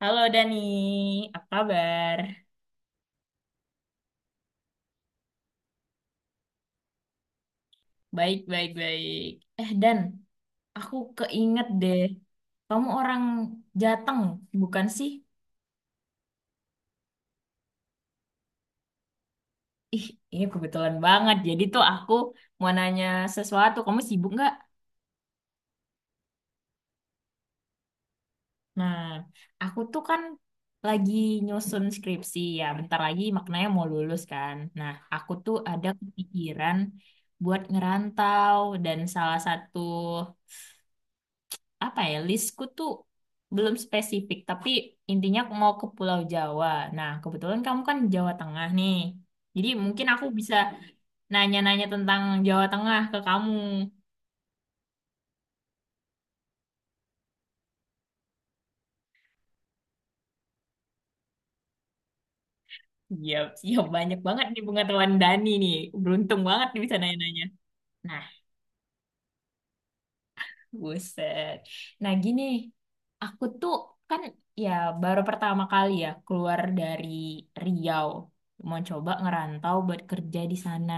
Halo Dani, apa kabar? Baik, baik, baik. Eh Dan, aku keinget deh, kamu orang Jateng, bukan sih? Ih, ini kebetulan banget. Jadi tuh aku mau nanya sesuatu, kamu sibuk nggak? Nah, aku tuh kan lagi nyusun skripsi ya, bentar lagi maknanya mau lulus kan. Nah, aku tuh ada kepikiran buat ngerantau dan salah satu apa ya listku tuh belum spesifik tapi intinya aku mau ke Pulau Jawa. Nah kebetulan kamu kan Jawa Tengah nih, jadi mungkin aku bisa nanya-nanya tentang Jawa Tengah ke kamu. Ya siap banyak banget nih pengetahuan Dani nih, beruntung banget nih bisa nanya-nanya. Nah. Buset. Nah gini, aku tuh kan ya baru pertama kali ya keluar dari Riau. Mau coba ngerantau buat kerja di sana.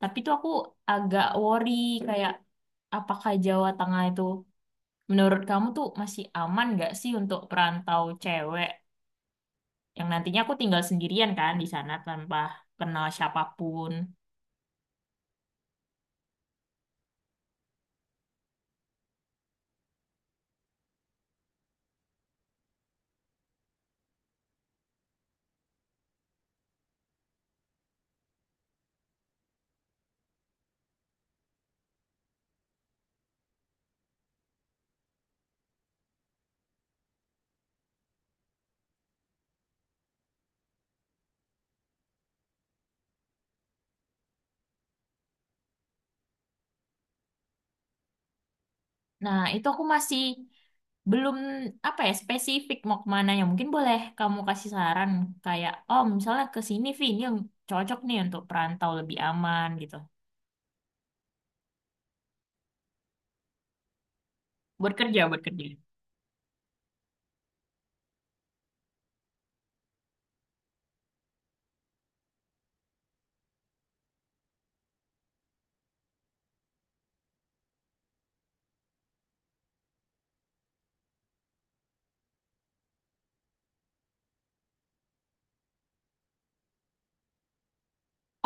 Tapi tuh aku agak worry kayak apakah Jawa Tengah itu menurut kamu tuh masih aman nggak sih untuk perantau cewek yang nantinya aku tinggal sendirian kan di sana tanpa kenal siapapun. Nah, itu aku masih belum apa ya spesifik mau kemana ya. Mungkin boleh kamu kasih saran kayak, oh misalnya ke sini, Vi, ini yang cocok nih untuk perantau lebih aman gitu. Buat kerja, buat kerja.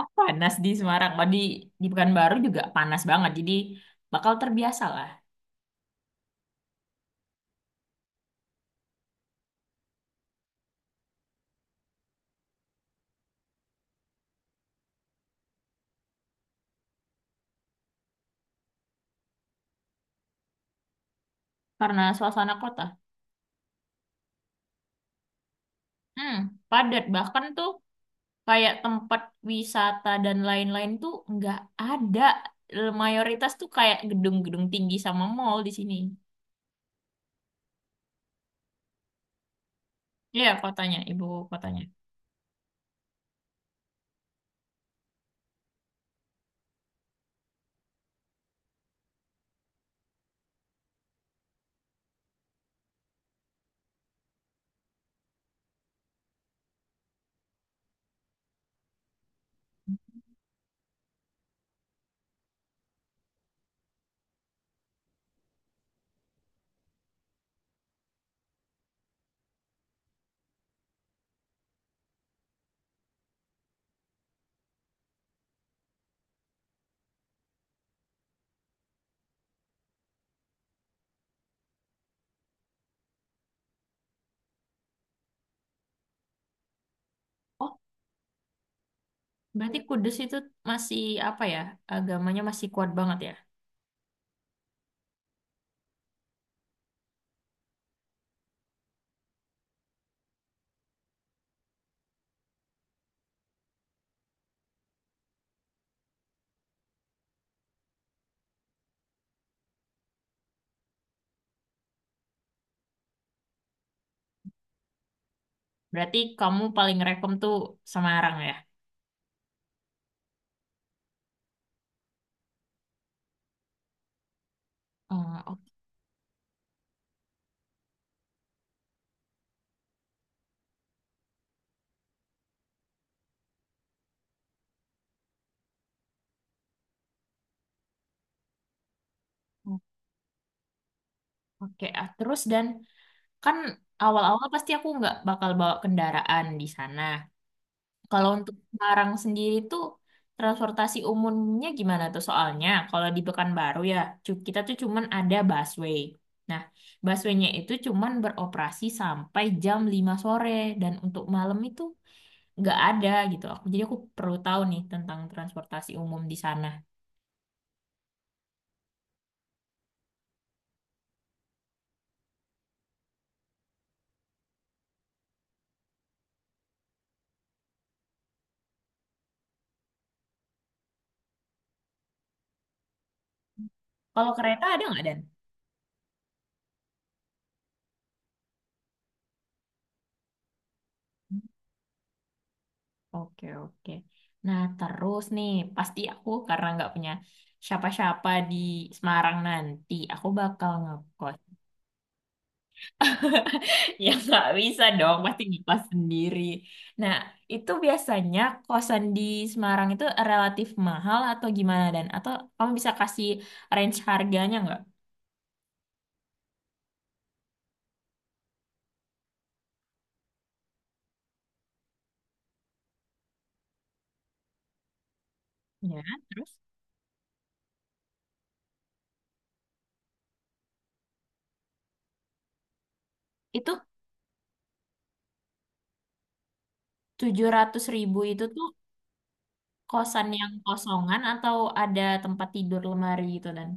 Oh, panas di Semarang. Oh, di Pekanbaru juga panas banget. Jadi bakal terbiasa lah karena suasana kota. Hmm, Padat. Bahkan tuh kayak tempat wisata dan lain-lain tuh nggak ada. Mayoritas tuh kayak gedung-gedung tinggi sama mall di sini. Iya, ibu kotanya. Oh, berarti Kudus itu masih apa ya? Agamanya masih kuat banget ya. Berarti kamu paling rekom tuh Semarang ya. Oh, oke. Oke, ah, terus Dan, kan awal-awal pasti aku nggak bakal bawa kendaraan di sana. Kalau untuk Semarang sendiri tuh transportasi umumnya gimana tuh? Soalnya kalau di Pekanbaru ya, kita tuh cuman ada busway. Nah, busway-nya itu cuman beroperasi sampai jam 5 sore dan untuk malam itu nggak ada gitu. Jadi aku perlu tahu nih tentang transportasi umum di sana. Kalau kereta ada nggak Dan? Oke oke. Nah terus nih pasti aku karena nggak punya siapa-siapa di Semarang nanti, aku bakal ngekos. Ya nggak bisa dong, pasti ngekos sendiri. Nah itu biasanya kosan di Semarang itu relatif mahal atau gimana Dan? Atau kamu bisa kasih range harganya nggak? Ya, terus itu 700.000 itu tuh kosan yang kosongan atau ada tempat tidur lemari gitu, Dan?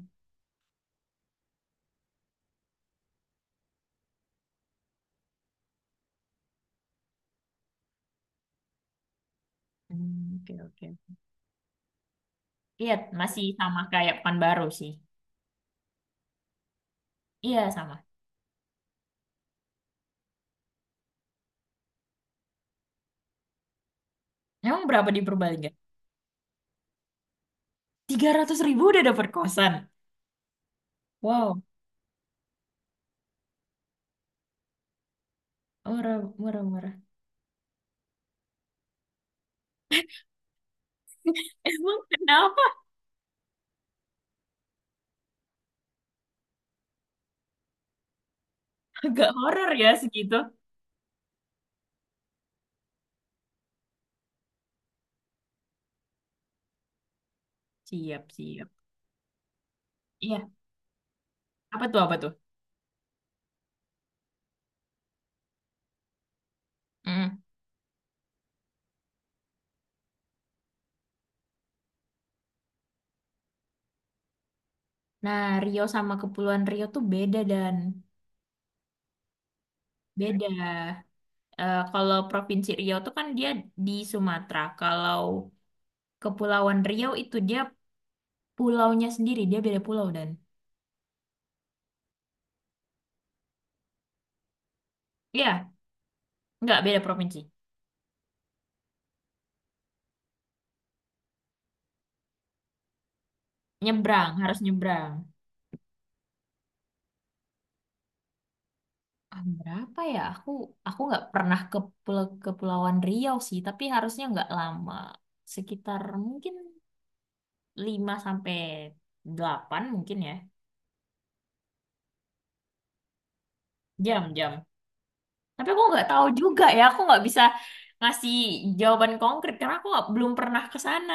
Hmm, oke oke. Iya masih sama kayak Pekan Baru sih. Iya sama. Emang berapa di Purbalingga? 300.000 udah dapet kosan. Wow, murah murah murah. Emang kenapa agak horor ya segitu? Siap siap. Iya. Apa tuh apa tuh? Mm. Nah, Rio sama Kepulauan Rio tuh beda, Dan. Beda. Eh, kalau Provinsi Riau tuh kan dia di Sumatera. Kalau Kepulauan Riau itu dia pulaunya sendiri, dia beda pulau, Dan. Iya, nggak beda provinsi. Nyebrang, harus nyebrang. Ah, berapa ya? Aku nggak pernah ke pulau Kepulauan Riau sih, tapi harusnya nggak lama. Sekitar mungkin 5 sampai 8 mungkin ya. Jam-jam. Tapi aku nggak tahu juga ya, aku nggak bisa ngasih jawaban konkret karena aku nggak- belum pernah ke sana.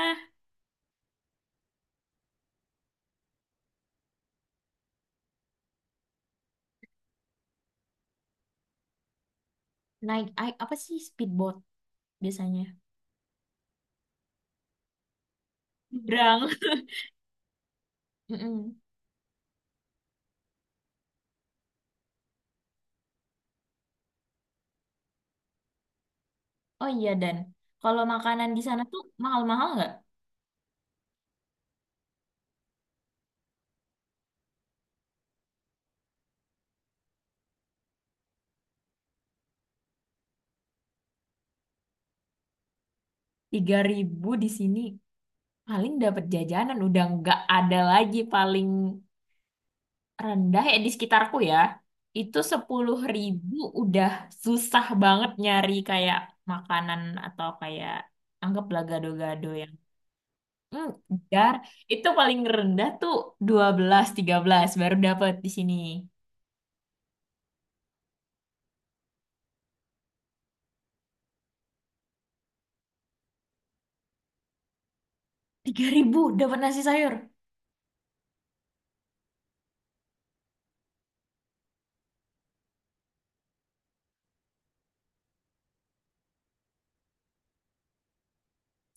Naik, apa sih speedboat biasanya? Nyebrang. Mm-mm. Oh iya Dan, kalau makanan di sana tuh mahal-mahal nggak? 3.000 di sini paling dapat jajanan, udah nggak ada lagi paling rendah ya di sekitarku ya. Itu 10.000 udah susah banget nyari kayak makanan atau kayak anggaplah gado-gado yang hmm, dar itu paling rendah tuh 12 13 baru dapat di sini. 3.000 dapat nasi sayur.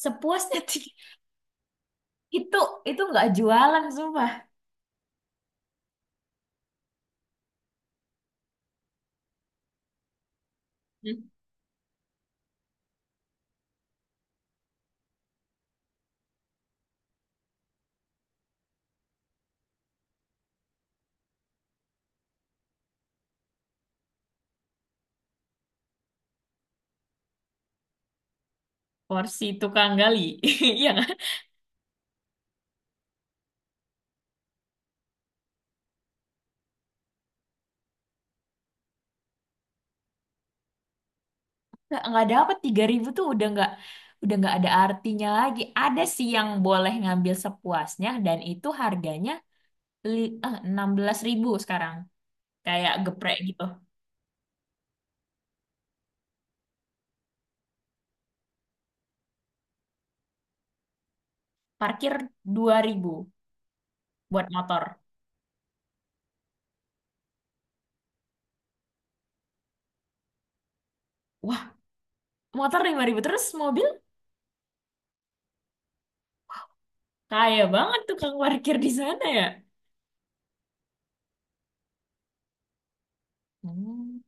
Sepuasnya itu itu nggak jualan sumpah. Porsi tukang gali. Iya nggak? Nggak dapet 3.000 tuh udah nggak ada artinya lagi. Ada sih yang boleh ngambil sepuasnya dan itu harganya li, belas ribu sekarang. Kayak geprek gitu. Parkir 2.000 buat motor. Wah, motor 5.000 terus mobil kaya banget tukang parkir di sana ya. Hmm,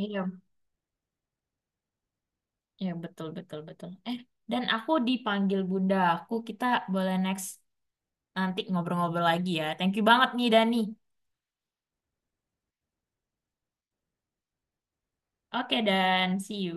iya, iya betul betul betul. Eh, Dan, aku dipanggil bunda aku. Kita boleh next nanti ngobrol-ngobrol lagi ya. Thank you banget nih Dani. Oke, Dan, see you.